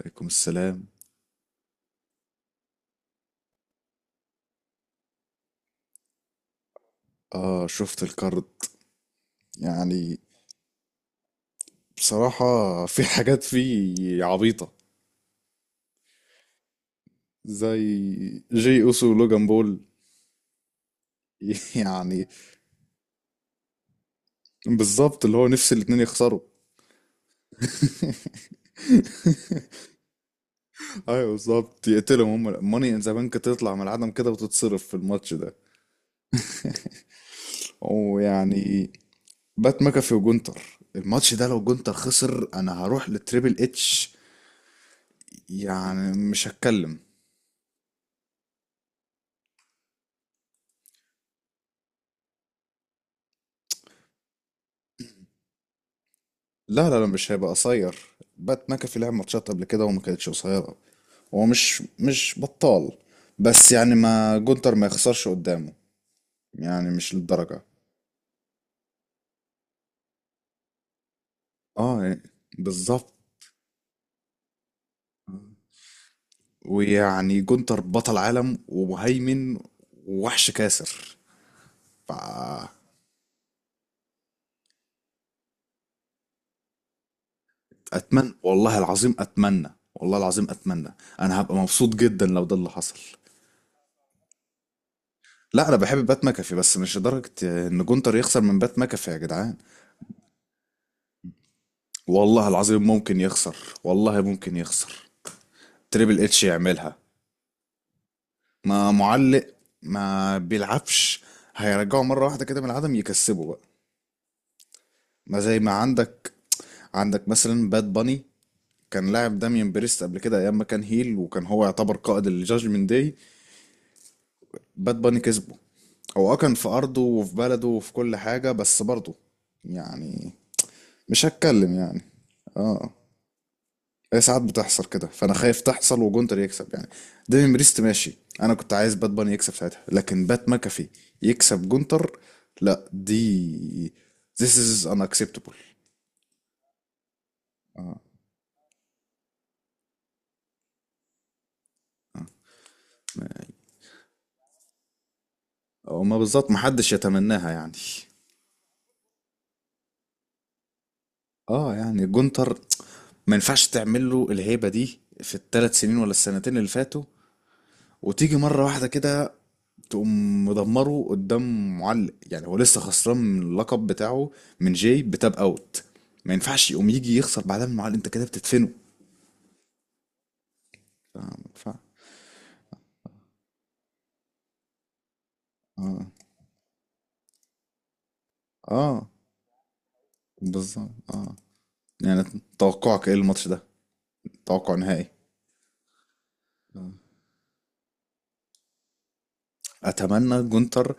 عليكم السلام. اه، شفت الكارد. يعني بصراحة في حاجات فيه عبيطة، زي جي اوسو ولوجان بول. يعني بالظبط، اللي هو نفس الاتنين يخسروا. ايوه بالظبط، يقتلهم هم ماني ان ذا بانك، تطلع من العدم كده وتتصرف في الماتش ده. ويعني بات ماكافي وجونتر، الماتش ده لو جونتر خسر انا هروح للتريبل اتش، يعني مش هتكلم. لا لا لا، مش هيبقى قصير. بات ماكافي لعب ماتشات قبل كده وما كانتش قصيرة. هو مش بطال، بس يعني ما جونتر ما يخسرش قدامه، يعني مش للدرجة. اه يعني بالظبط. ويعني جونتر بطل عالم ومهيمن ووحش كاسر. ف اتمنى والله العظيم اتمنى، والله العظيم اتمنى. انا هبقى مبسوط جدا لو ده اللي حصل. لا انا بحب بات ماكافي، بس مش لدرجة ان جونتر يخسر من بات ماكافي يا جدعان. والله العظيم ممكن يخسر، والله ممكن يخسر. تريبل اتش يعملها، ما معلق، ما بيلعبش. هيرجعه مرة واحدة كده من العدم يكسبه بقى. ما زي ما عندك، عندك مثلا باد باني، كان لاعب داميان بريست قبل كده ايام ما كان هيل، وكان هو يعتبر قائد الجاجمنت داي. باد باني كسبه، هو اه كان في ارضه وفي بلده وفي كل حاجة، بس برضه يعني مش هتكلم يعني. اه، هي ساعات بتحصل كده، فانا خايف تحصل وجونتر يكسب يعني. ديفين بريست ماشي، انا كنت عايز بات باني يكسب ساعتها، لكن بات ماكافي يكسب جونتر، لا دي this is unacceptable. او ما بالظبط، محدش يتمناها يعني. اه يعني جونتر ما ينفعش تعمل له الهيبة دي في الثلاث سنين ولا السنتين اللي فاتوا، وتيجي مرة واحدة كده تقوم مدمره قدام معلق. يعني هو لسه خسران من اللقب بتاعه، من جاي بتاب اوت، ما ينفعش يقوم يجي يخسر بعدها من معلق. انت كده بتدفنه. ف... ف... اه اه بالظبط اه. يعني توقعك ايه الماتش ده؟ توقع نهائي. اتمنى جونتر.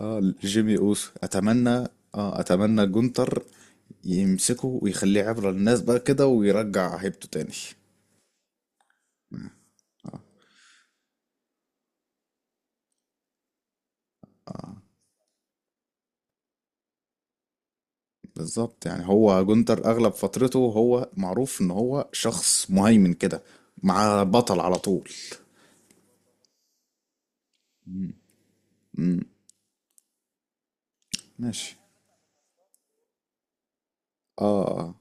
اه جيمي اوسو، اتمنى. اه اتمنى جونتر يمسكه ويخليه عبرة للناس بقى كده، ويرجع هيبته تاني. بالظبط، يعني هو جندر اغلب فترته هو معروف ان هو شخص مهيمن كده، مع بطل على طول. امم ماشي. اه اه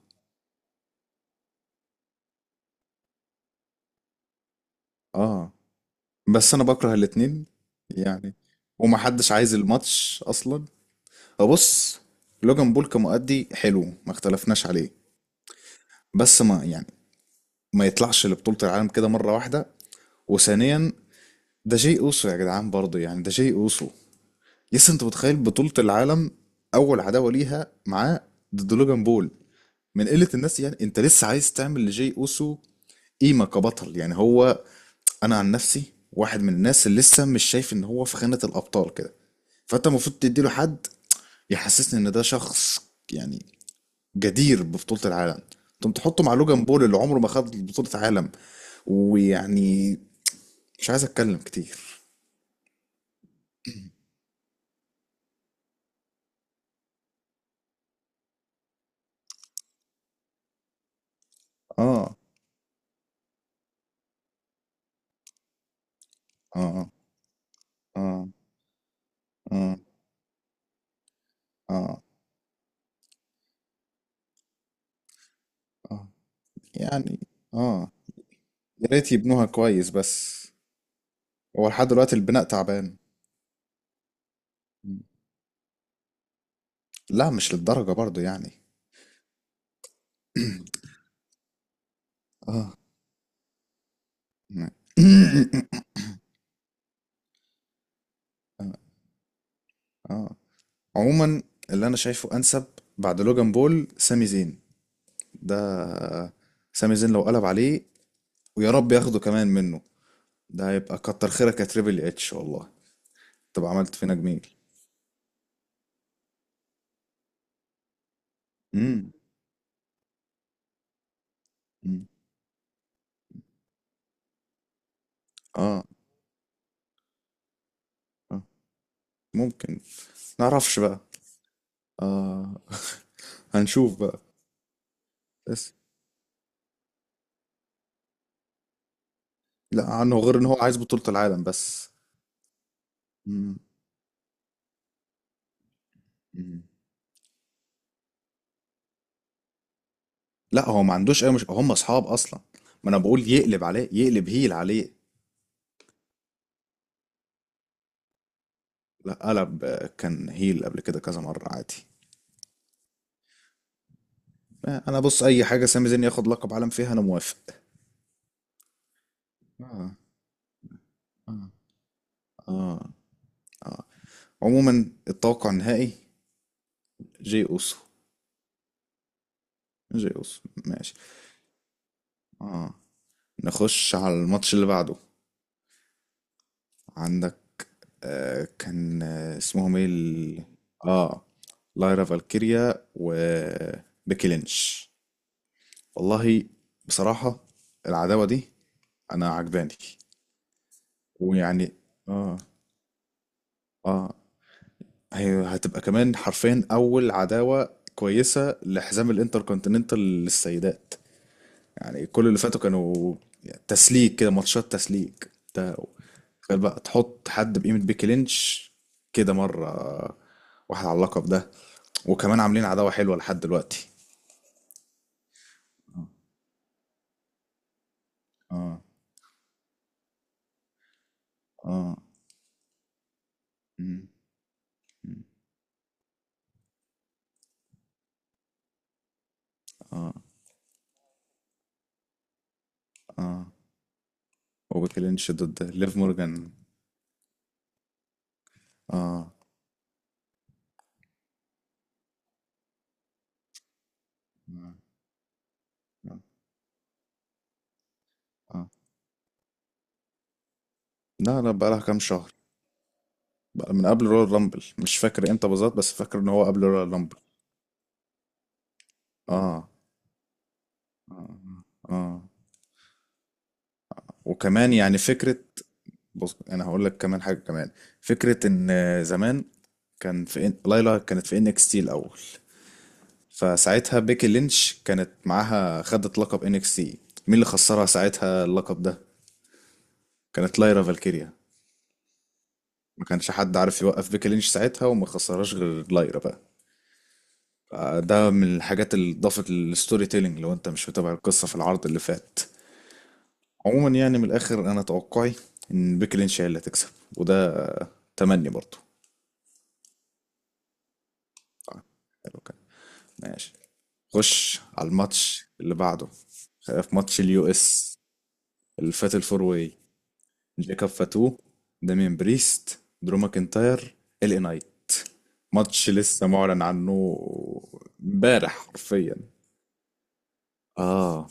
اه. بس انا بكره الاتنين، يعني ومحدش عايز الماتش اصلا. بص، لوجان بول كمؤدي حلو، ما اختلفناش عليه، بس ما يعني ما يطلعش لبطولة العالم كده مرة واحدة. وثانيا، ده جاي اوسو يا جدعان، برضه يعني ده جاي اوسو. يس، انت متخيل بطولة العالم اول عداوة ليها معاه ضد لوجان بول؟ من قلة الناس، يعني انت لسه عايز تعمل لجي اوسو قيمة كبطل، يعني هو انا عن نفسي واحد من الناس اللي لسه مش شايف ان هو في خانة الابطال كده. فانت المفروض تديله حد يحسسني ان ده شخص، يعني جدير ببطولة العالم. انتم تحطه مع لوجان بول اللي عمره ما خد بطولة عالم. ويعني مش عايز اتكلم كتير. اه اه اه اه اه اه. آه. يعني اه يا ريت يبنوها كويس بس، هو لحد دلوقتي البناء تعبان. لا مش للدرجة برضو يعني. اه اه. عموما اللي انا شايفه انسب بعد لوجان بول، سامي زين. ده سامي زين لو قلب عليه، ويا رب ياخده كمان منه، ده هيبقى كتر خيرك يا تريبل اتش والله، تبقى عملت فينا جميل. امم. أمم. اه اه ممكن. نعرفش بقى. اه هنشوف بقى. بس لا عنه غير ان هو عايز بطولة العالم بس. مم. مم. لا هو ما عندوش اي، مش هم اصحاب اصلا. ما انا بقول يقلب عليه، يقلب هيل عليه. لا قلب آه، كان هيل قبل كده كذا مرة عادي. آه، انا بص، اي حاجة سامي زين ياخد لقب عالم فيها انا موافق. اه اه اه اه. عموما التوقع النهائي جي اوسو. جي اوسو ماشي. اه، نخش على الماتش اللي بعده. عندك آه، كان آه، اسمهم ايه ال...؟ اه، لايرا فالكيريا وبيكي لينش. والله بصراحة العداوة دي انا عجباني. ويعني اه اه. هي هتبقى كمان حرفيا اول عداوة كويسة لحزام الانتركونتيننتال للسيدات. يعني كل اللي فاتوا كانوا تسليك كده، ماتشات تسليك ده. تخيل بقى تحط حد بقيمة بيكي لينش كده مرة واحد على اللقب ده، وكمان عاملين عداوة حلوة لحد دلوقتي. اه اه مم، مم، اه اه. وبيكي لينش ضد ليف مورجان. اه اه. آه. لا لا، بقى لها كام شهر، بقى من قبل رويال رامبل. مش فاكر امتى بالظبط، بس فاكر ان هو قبل رويال رامبل. اه اه اه. وكمان يعني فكرة، بص انا هقول لك كمان حاجه كمان، فكره ان زمان كان في ليلى كانت في ان اكس تي الاول، فساعتها بيكي لينش كانت معاها، خدت لقب ان اكس تي. مين اللي خسرها ساعتها اللقب ده؟ كانت ليرا فالكيريا. ما كانش حد عارف يوقف بيكي لينش ساعتها، وما خسرهاش غير ليرا بقى. آه، ده من الحاجات اللي ضافت للستوري تيلينج، لو انت مش متابع القصه في العرض اللي فات. عموما يعني من الاخر، انا توقعي ان بيكي لينش هي اللي هتكسب، وده آه، تمني برضو. آه، حلو كده ماشي. خش على الماتش اللي بعده، في ماتش اليو اس اللي فات، الفور واي. جاكوب فاتو، دامين بريست، درو ماكنتاير، ال اي نايت. ماتش لسه معلن عنه امبارح حرفيا. اه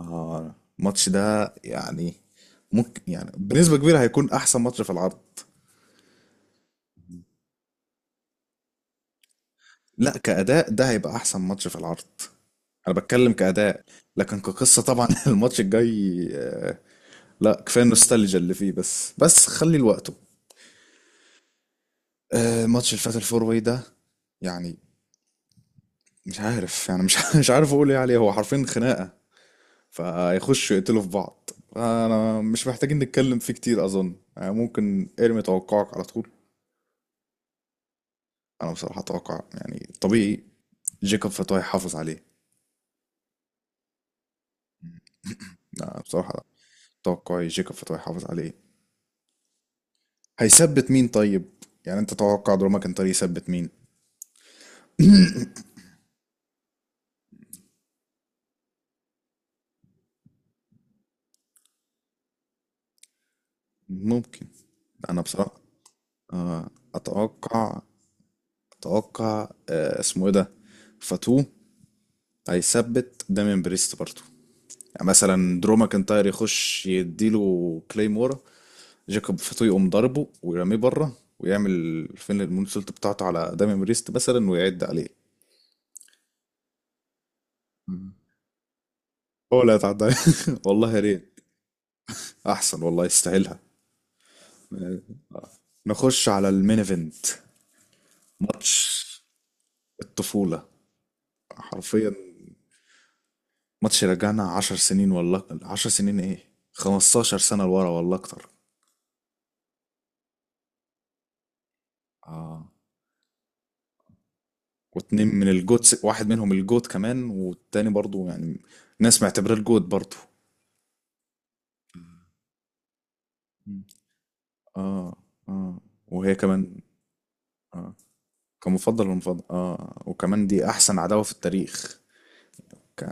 اه. الماتش ده يعني ممكن، يعني بنسبة كبيرة هيكون احسن ماتش في العرض. لا كأداء، ده هيبقى احسن ماتش في العرض. انا بتكلم كأداء، لكن كقصة طبعا الماتش الجاي آه، لا كفايه النوستالجيا اللي فيه، بس بس خلي لوقته. آه، ماتش الفات الفور واي ده يعني مش عارف، يعني مش مش عارف اقول ايه عليه. هو حرفيا خناقه، فيخشوا يقتلوا في بعض. انا مش محتاجين نتكلم فيه كتير اظن، يعني ممكن ارمي توقعك على طول. انا بصراحه اتوقع، يعني طبيعي، جيكوب فتوى يحافظ عليه. لا بصراحه توقعي جيكوب فتوى يحافظ عليه. هيثبت مين طيب؟ يعني انت تتوقع دروما كان طريق يثبت مين؟ ممكن. انا بصراحه آه، اتوقع، اتوقع آه، اسمه ايه ده، فاتو هيثبت دامين بريست برضه. يعني مثلا درو ماكنتاير يخش يديله كليمورا، جاكوب فاتو يقوم ضربه ويرميه بره ويعمل فين المونسولت بتاعته على دامين بريست مثلا ويعد عليه. مم. هو لا يتعدى عليه. والله يا ريت، احسن والله، يستاهلها. آه. نخش على المين ايفنت، ماتش الطفولة حرفيا. ماتش رجعنا عشر سنين، والله عشر سنين ايه، 15 سنة لورا، والله اكتر. اه، واتنين من الجوت، واحد منهم الجوت كمان، والتاني برضو يعني ناس معتبراه الجوت برضو. مم. اه اه. وهي كمان كمفضل ومفضل اه، وكمان دي احسن عداوة في التاريخ. ك...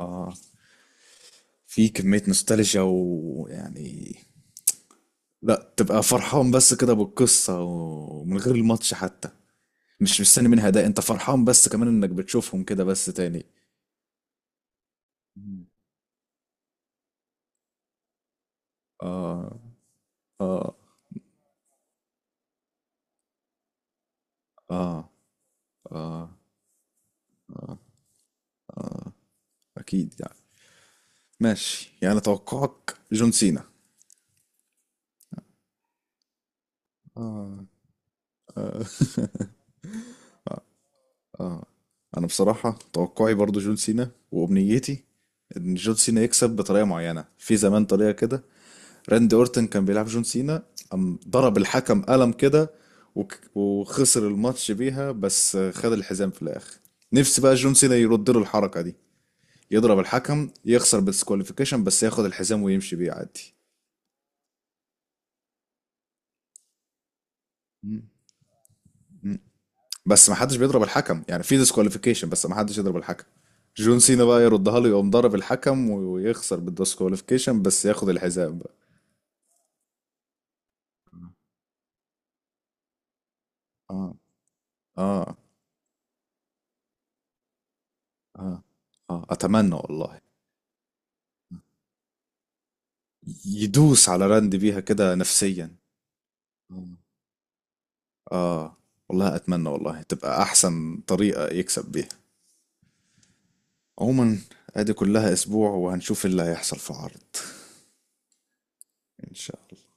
اه. في كمية نوستالجيا، ويعني لا، تبقى فرحان بس كده بالقصة ومن غير الماتش حتى. مش مستني منها، ده انت فرحان بس كمان انك بتشوفهم كده بس تاني. مم. اه اه اه اه. اكيد يعني. ماشي يعني توقعك جون سينا. انا بصراحة توقعي برضو جون سينا، وامنيتي ان جون سينا يكسب بطريقة معينة. في زمان طريقة كده، راندي اورتن كان بيلعب جون سينا، قام ضرب الحكم قلم كده، وخسر الماتش بيها، بس خد الحزام في الاخر. نفسي بقى جون سينا يرد له الحركة دي، يضرب الحكم، يخسر بالسكواليفيكيشن، بس ياخد الحزام ويمشي بيه عادي. بس ما حدش بيضرب الحكم، يعني في ديسكواليفيكيشن، بس ما حدش يضرب الحكم. جون سينا بقى يردها له، يقوم ضرب الحكم ويخسر بالديسكواليفيكيشن، بس ياخد الحزام بقى. اه اه اه اه. اتمنى والله. يدوس على راند بيها كده نفسيا. اه آه، والله اتمنى والله، تبقى احسن طريقة يكسب بيها. عموما ادي كلها اسبوع، وهنشوف اللي هيحصل في عرض. ان شاء الله.